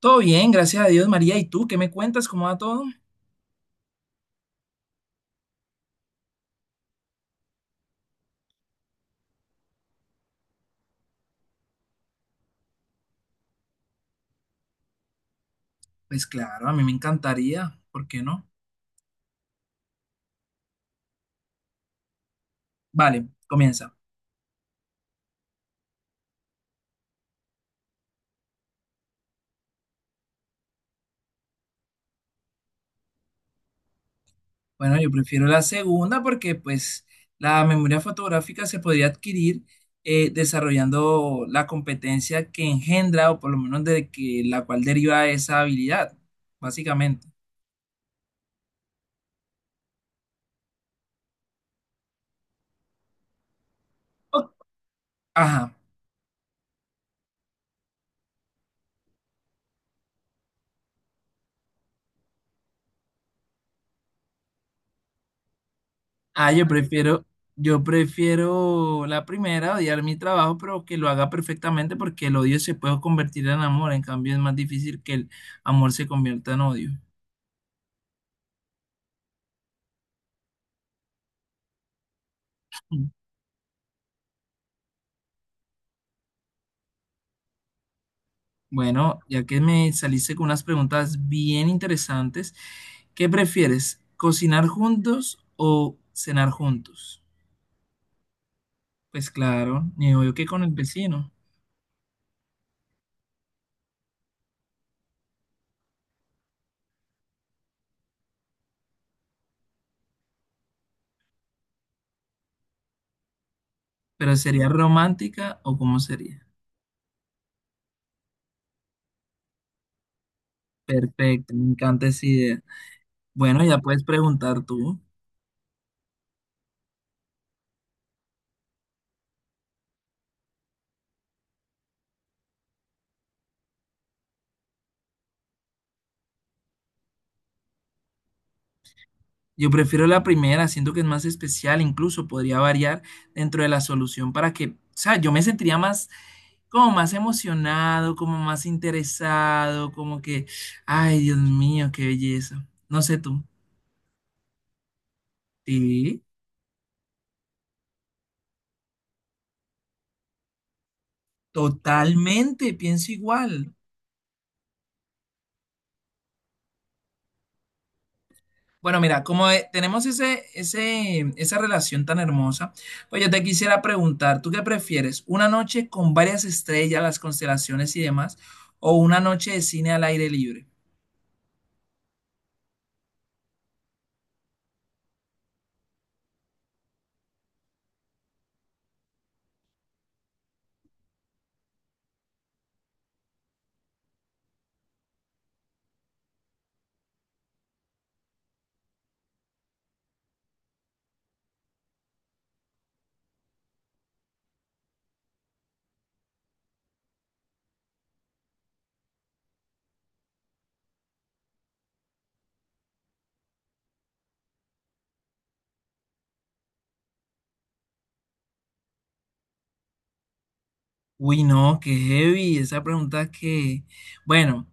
Todo bien, gracias a Dios, María. ¿Y tú qué me cuentas? ¿Cómo va todo? Pues claro, a mí me encantaría, ¿por qué no? Vale, comienza. Bueno, yo prefiero la segunda porque pues la memoria fotográfica se podría adquirir desarrollando la competencia que engendra o por lo menos de que la cual deriva esa habilidad, básicamente. O- Ajá. Ah, yo prefiero, yo prefiero la primera, odiar mi trabajo, pero que lo haga perfectamente porque el odio se puede convertir en amor. En cambio, es más difícil que el amor se convierta en odio. Mm. Bueno, ya que me saliste con unas preguntas bien interesantes, ¿qué prefieres? ¿Cocinar juntos o cenar juntos? Pues claro, ni obvio que con el vecino, pero ¿sería romántica o cómo sería? Perfecto, me encanta esa idea. Bueno, ya puedes preguntar tú. Yo prefiero la primera, siento que es más especial, incluso podría variar dentro de la solución para que, o sea, yo me sentiría más, como más emocionado, como más interesado, como que, ay, Dios mío, qué belleza. No sé tú. Sí, totalmente, pienso igual. Bueno, mira, como tenemos esa relación tan hermosa, pues yo te quisiera preguntar, ¿tú qué prefieres? ¿Una noche con varias estrellas, las constelaciones y demás, o una noche de cine al aire libre? Uy, no, qué heavy, esa pregunta que, bueno,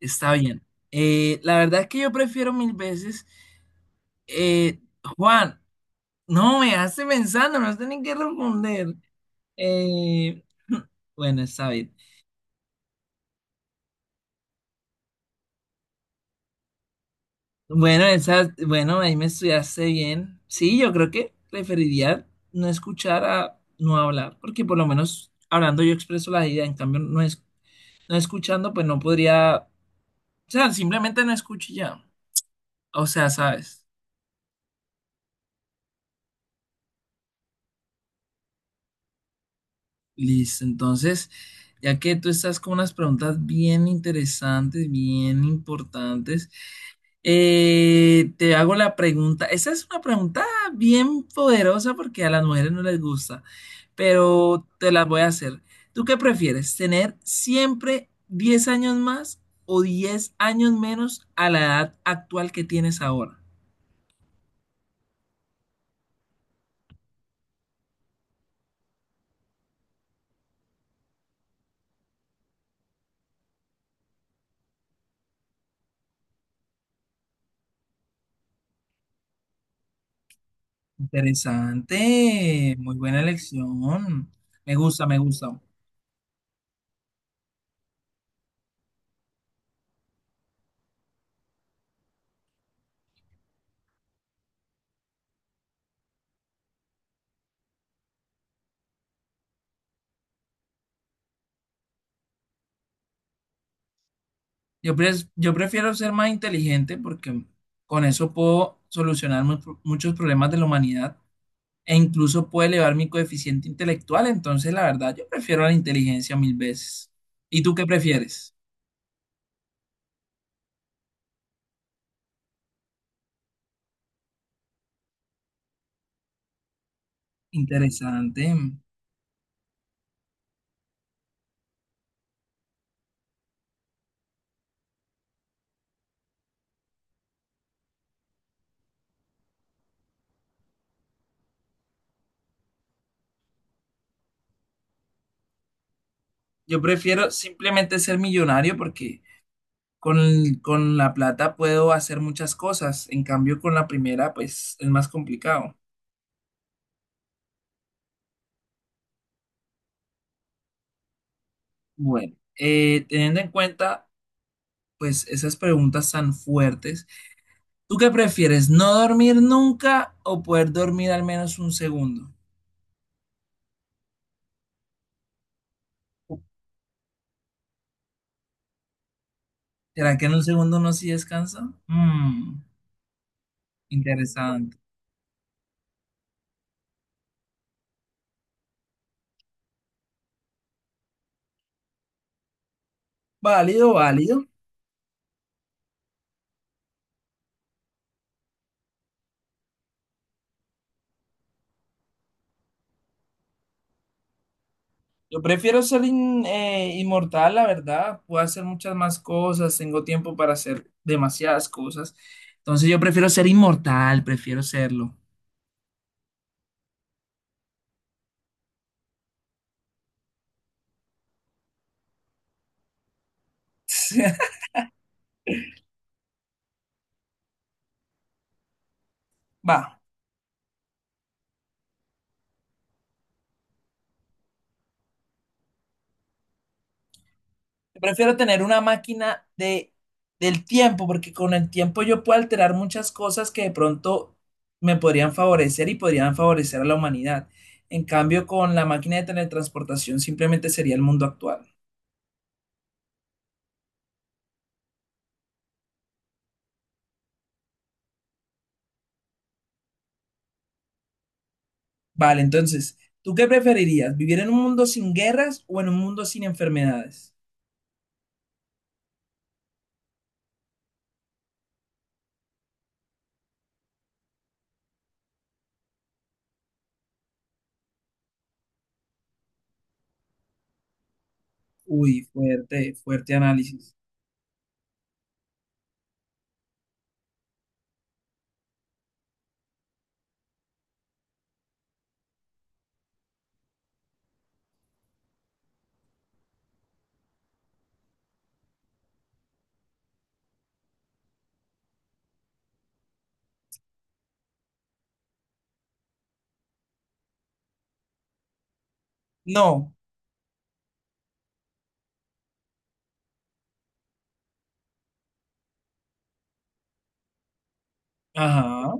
está bien. La verdad es que yo prefiero mil veces, eh, Juan, no me hace pensando, no sé ni qué responder. Eh, bueno, está bien. Bueno, esa, bueno, ahí me estudiaste bien. Sí, yo creo que preferiría no escuchar a no hablar, porque por lo menos hablando yo expreso la idea, en cambio no es, no escuchando, pues no podría, o sea, simplemente no escucho y ya. O sea, ¿sabes? Listo, entonces, ya que tú estás con unas preguntas bien interesantes, bien importantes, te hago la pregunta. Esa es una pregunta bien poderosa porque a las mujeres no les gusta, pero te la voy a hacer. ¿Tú qué prefieres? ¿Tener siempre 10 años más o 10 años menos a la edad actual que tienes ahora? Interesante, muy buena elección. Me gusta, me gusta. Yo prefiero ser más inteligente porque con eso puedo solucionar muchos problemas de la humanidad e incluso puedo elevar mi coeficiente intelectual. Entonces, la verdad, yo prefiero la inteligencia mil veces. ¿Y tú qué prefieres? Interesante. Yo prefiero simplemente ser millonario porque con, con la plata puedo hacer muchas cosas. En cambio, con la primera, pues es más complicado. Bueno, teniendo en cuenta, pues esas preguntas tan fuertes. ¿Tú qué prefieres? ¿No dormir nunca o poder dormir al menos un segundo? ¿Será que en un segundo uno sí descansa? Mm, interesante. Válido, válido. Yo prefiero ser inmortal, la verdad. Puedo hacer muchas más cosas, tengo tiempo para hacer demasiadas cosas. Entonces yo prefiero ser inmortal, prefiero serlo. Va. Prefiero tener una máquina de, del tiempo, porque con el tiempo yo puedo alterar muchas cosas que de pronto me podrían favorecer y podrían favorecer a la humanidad. En cambio, con la máquina de teletransportación simplemente sería el mundo actual. Vale, entonces, ¿tú qué preferirías? ¿Vivir en un mundo sin guerras o en un mundo sin enfermedades? Uy, fuerte, fuerte análisis. No, ajá.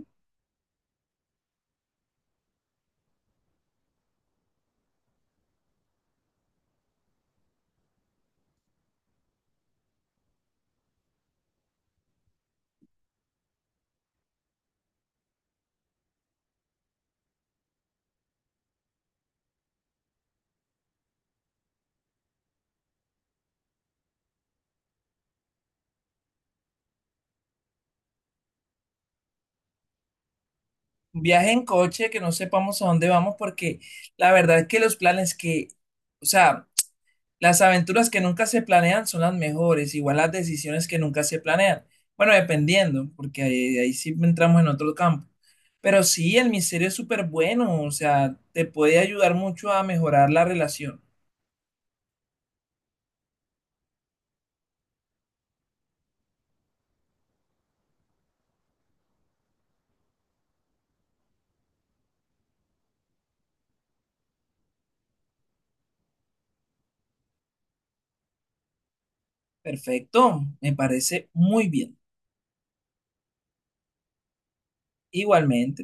Un viaje en coche que no sepamos a dónde vamos, porque la verdad es que los planes que, o sea, las aventuras que nunca se planean son las mejores, igual las decisiones que nunca se planean. Bueno, dependiendo, porque ahí, ahí sí entramos en otro campo. Pero sí, el misterio es súper bueno, o sea, te puede ayudar mucho a mejorar la relación. Perfecto, me parece muy bien. Igualmente.